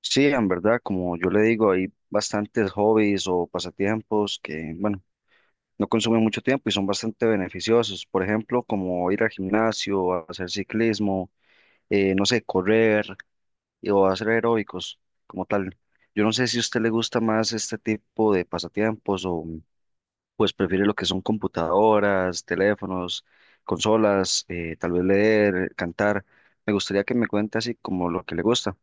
Sí, en verdad, como yo le digo, hay bastantes hobbies o pasatiempos que, bueno, no consumen mucho tiempo y son bastante beneficiosos. Por ejemplo, como ir al gimnasio, a hacer ciclismo, no sé, correr o hacer aeróbicos como tal. Yo no sé si a usted le gusta más este tipo de pasatiempos o pues prefiere lo que son computadoras, teléfonos, consolas, tal vez leer, cantar. Me gustaría que me cuente así como lo que le gusta.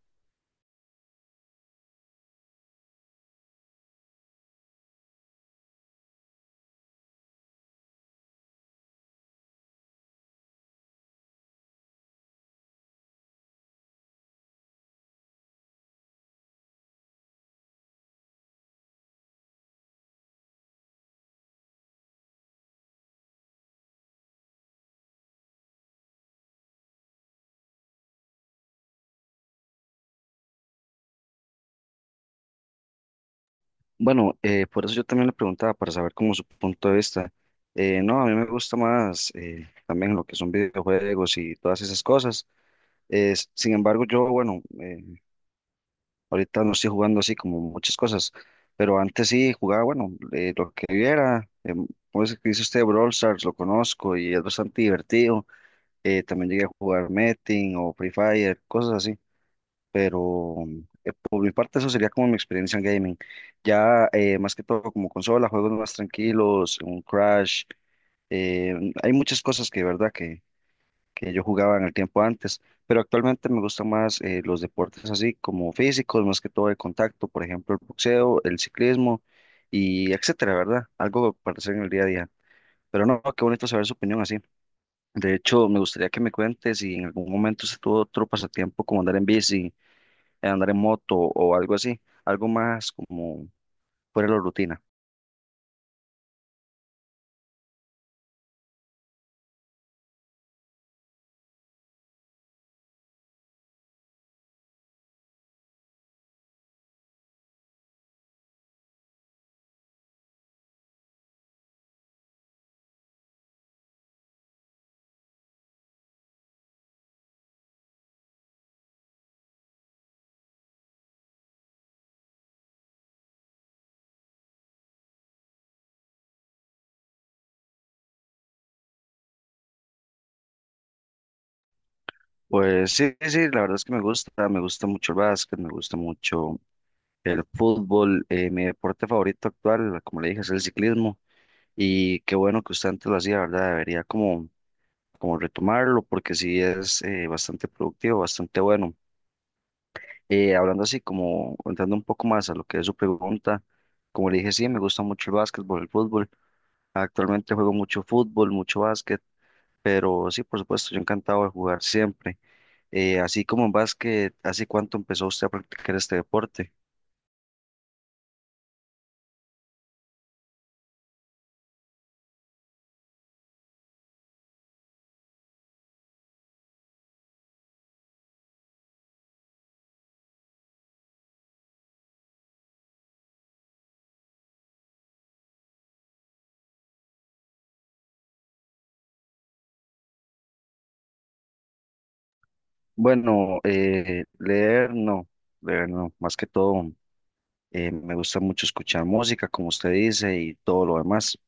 Bueno, por eso yo también le preguntaba, para saber cómo su punto de vista. No, a mí me gusta más también lo que son videojuegos y todas esas cosas. Sin embargo, yo, bueno, ahorita no estoy jugando así como muchas cosas, pero antes sí jugaba, bueno, lo que viera. ¿Cómo es que dice usted? Brawl Stars, lo conozco y es bastante divertido. También llegué a jugar Metin o Free Fire, cosas así pero por mi parte eso sería como mi experiencia en gaming. Ya más que todo como consola, juegos más tranquilos, un Crash, eh, hay muchas cosas que, verdad, que yo jugaba en el tiempo antes, pero actualmente me gustan más los deportes así como físicos, más que todo de contacto, por ejemplo, el boxeo, el ciclismo y etcétera, ¿verdad? Algo para hacer en el día a día. Pero no, qué bonito saber su opinión así. De hecho, me gustaría que me cuentes si en algún momento se tuvo otro pasatiempo como andar en bici, andar en moto o algo así, algo más como fuera de la rutina. Pues sí, sí, sí, la verdad es que me gusta mucho el básquet, me gusta mucho el fútbol, mi deporte favorito actual, como le dije, es el ciclismo y qué bueno que usted antes lo hacía, ¿verdad? Debería como, como retomarlo porque sí es bastante productivo, bastante bueno. Hablando así, como entrando un poco más a lo que es su pregunta, como le dije, sí, me gusta mucho el básquetbol, el fútbol. Actualmente juego mucho fútbol, mucho básquet. Pero sí, por supuesto, yo encantado de jugar siempre. Así como en básquet, ¿hace cuánto empezó usted a practicar este deporte? Bueno, leer no, más que todo me gusta mucho escuchar música, como usted dice, y todo lo demás,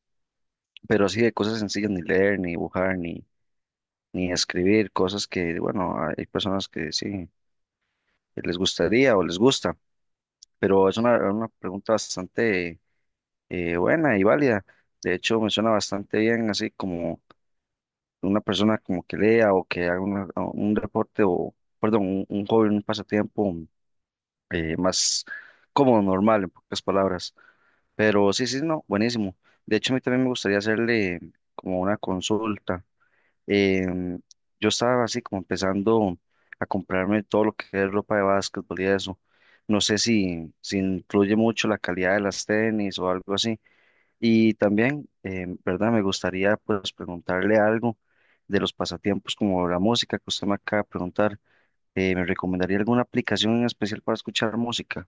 pero así de cosas sencillas, ni leer, ni dibujar, ni, ni escribir, cosas que, bueno, hay personas que sí que les gustaría o les gusta, pero es una pregunta bastante buena y válida. De hecho, me suena bastante bien, así como una persona como que lea o que haga un deporte o, perdón, un hobby, un pasatiempo más como normal, en pocas palabras. Pero sí, sí, no, buenísimo. De hecho, a mí también me gustaría hacerle como una consulta. Em, yo estaba así como empezando a comprarme todo lo que es ropa de básquetbol y eso. No sé si, si influye mucho la calidad de las tenis o algo así. Y también, ¿verdad? Me gustaría pues preguntarle algo de los pasatiempos como la música que usted me acaba de preguntar. ¿Me recomendaría alguna aplicación en especial para escuchar música?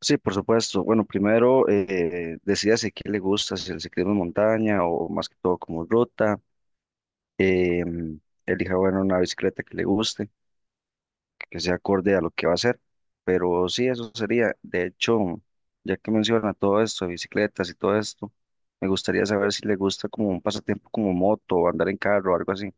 Sí, por supuesto. Bueno, primero decídase qué le gusta, si el ciclismo en montaña o más que todo como ruta. em, Elija, bueno, una bicicleta que le guste que sea acorde a lo que va a hacer. Pero sí, eso sería. De hecho, ya que menciona todo esto, de bicicletas y todo esto, me gustaría saber si le gusta como un pasatiempo como moto o andar en carro o algo así.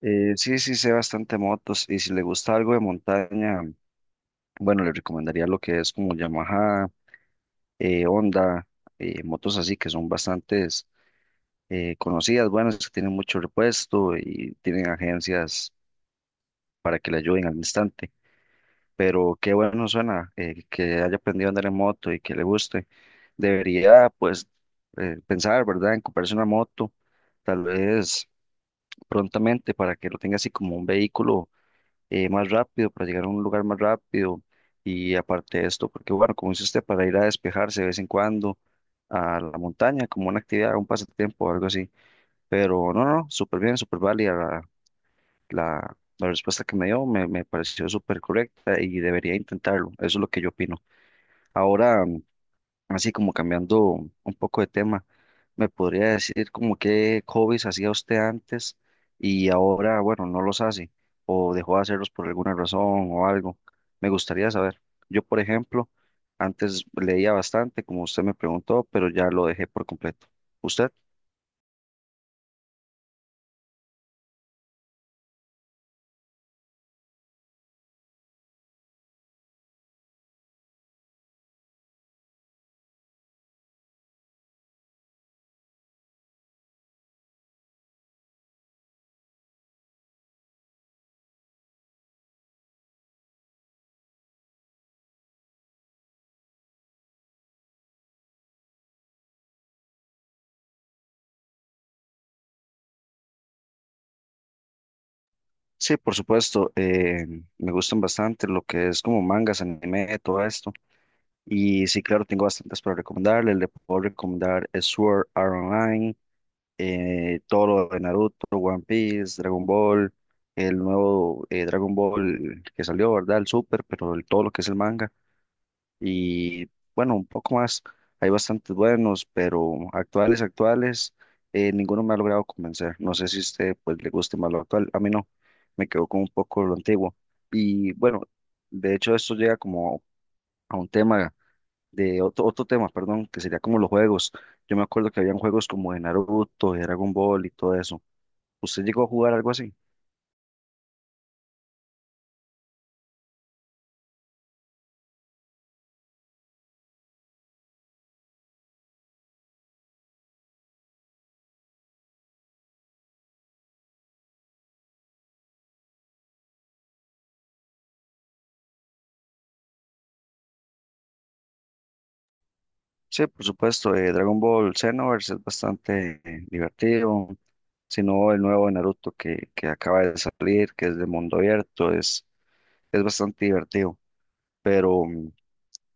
Sí, sí, sé bastante motos y si le gusta algo de montaña, bueno, le recomendaría lo que es como Yamaha, Honda, motos así que son bastantes conocidas, buenas, que tienen mucho repuesto y tienen agencias para que le ayuden al instante. Pero qué bueno suena que haya aprendido a andar en moto y que le guste. Debería, pues, pensar, ¿verdad?, en comprarse una moto, tal vez prontamente, para que lo tenga así como un vehículo más rápido, para llegar a un lugar más rápido. Y aparte de esto, porque bueno, como dice usted, para ir a despejarse de vez en cuando a la montaña, como una actividad, un pasatiempo o algo así. Pero no, no, súper bien, súper válida la, la respuesta que me dio, me pareció súper correcta y debería intentarlo. Eso es lo que yo opino. Ahora, así como cambiando un poco de tema, ¿me podría decir como qué hobbies hacía usted antes y ahora, bueno, no los hace o dejó de hacerlos por alguna razón o algo? Me gustaría saber. Yo, por ejemplo, antes leía bastante, como usted me preguntó, pero ya lo dejé por completo. ¿Usted? Sí, por supuesto. Me gustan bastante lo que es como mangas, anime, todo esto. Y sí, claro, tengo bastantes para recomendarle. Le puedo recomendar Sword Art Online, todo lo de Naruto, One Piece, Dragon Ball, el nuevo Dragon Ball que salió, ¿verdad? El Super, pero todo lo que es el manga. Y bueno, un poco más. Hay bastantes buenos, pero actuales, actuales, ninguno me ha logrado convencer. No sé si a usted pues, le guste más lo actual. A mí no, me quedo con un poco lo antiguo. Y bueno, de hecho, esto llega como a un tema de otro tema, perdón, que sería como los juegos. Yo me acuerdo que habían juegos como de Naruto, de Dragon Ball y todo eso. ¿Usted llegó a jugar algo así? Sí, por supuesto, Dragon Ball Xenoverse es bastante divertido, sino el nuevo de Naruto que acaba de salir, que es de mundo abierto, es bastante divertido, pero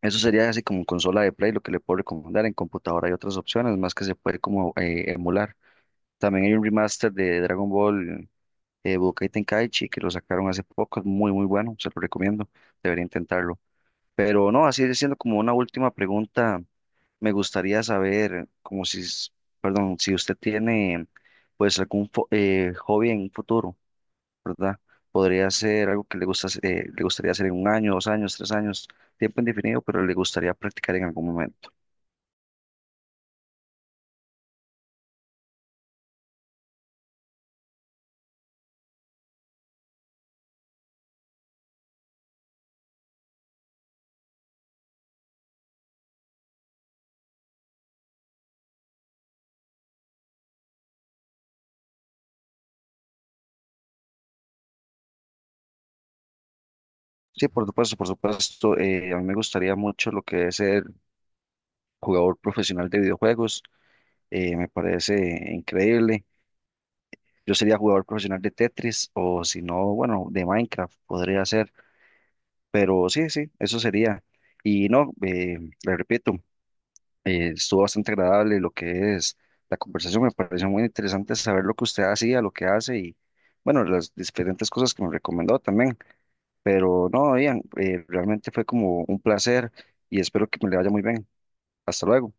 eso sería así como en consola de Play, lo que le puedo recomendar, en computadora hay otras opciones más que se puede como emular. También hay un remaster de Dragon Ball Budokai Tenkaichi, que lo sacaron hace poco, es muy, muy bueno, se lo recomiendo, debería intentarlo. Pero no, así siendo como una última pregunta, me gustaría saber, como si, perdón, si usted tiene pues algún hobby en un futuro, ¿verdad? Podría ser algo que le gusta, le gustaría hacer en 1 año, 2 años, 3 años, tiempo indefinido, pero le gustaría practicar en algún momento. Sí, por supuesto, a mí me gustaría mucho lo que es ser jugador profesional de videojuegos, me parece increíble. Yo sería jugador profesional de Tetris o si no, bueno, de Minecraft podría ser, pero sí, sí, eso sería. Y no, le repito, estuvo bastante agradable lo que es la conversación, me pareció muy interesante saber lo que usted hacía, lo que hace y bueno, las diferentes cosas que me recomendó también, pero no, Ian, realmente fue como un placer y espero que me le vaya muy bien. Hasta luego.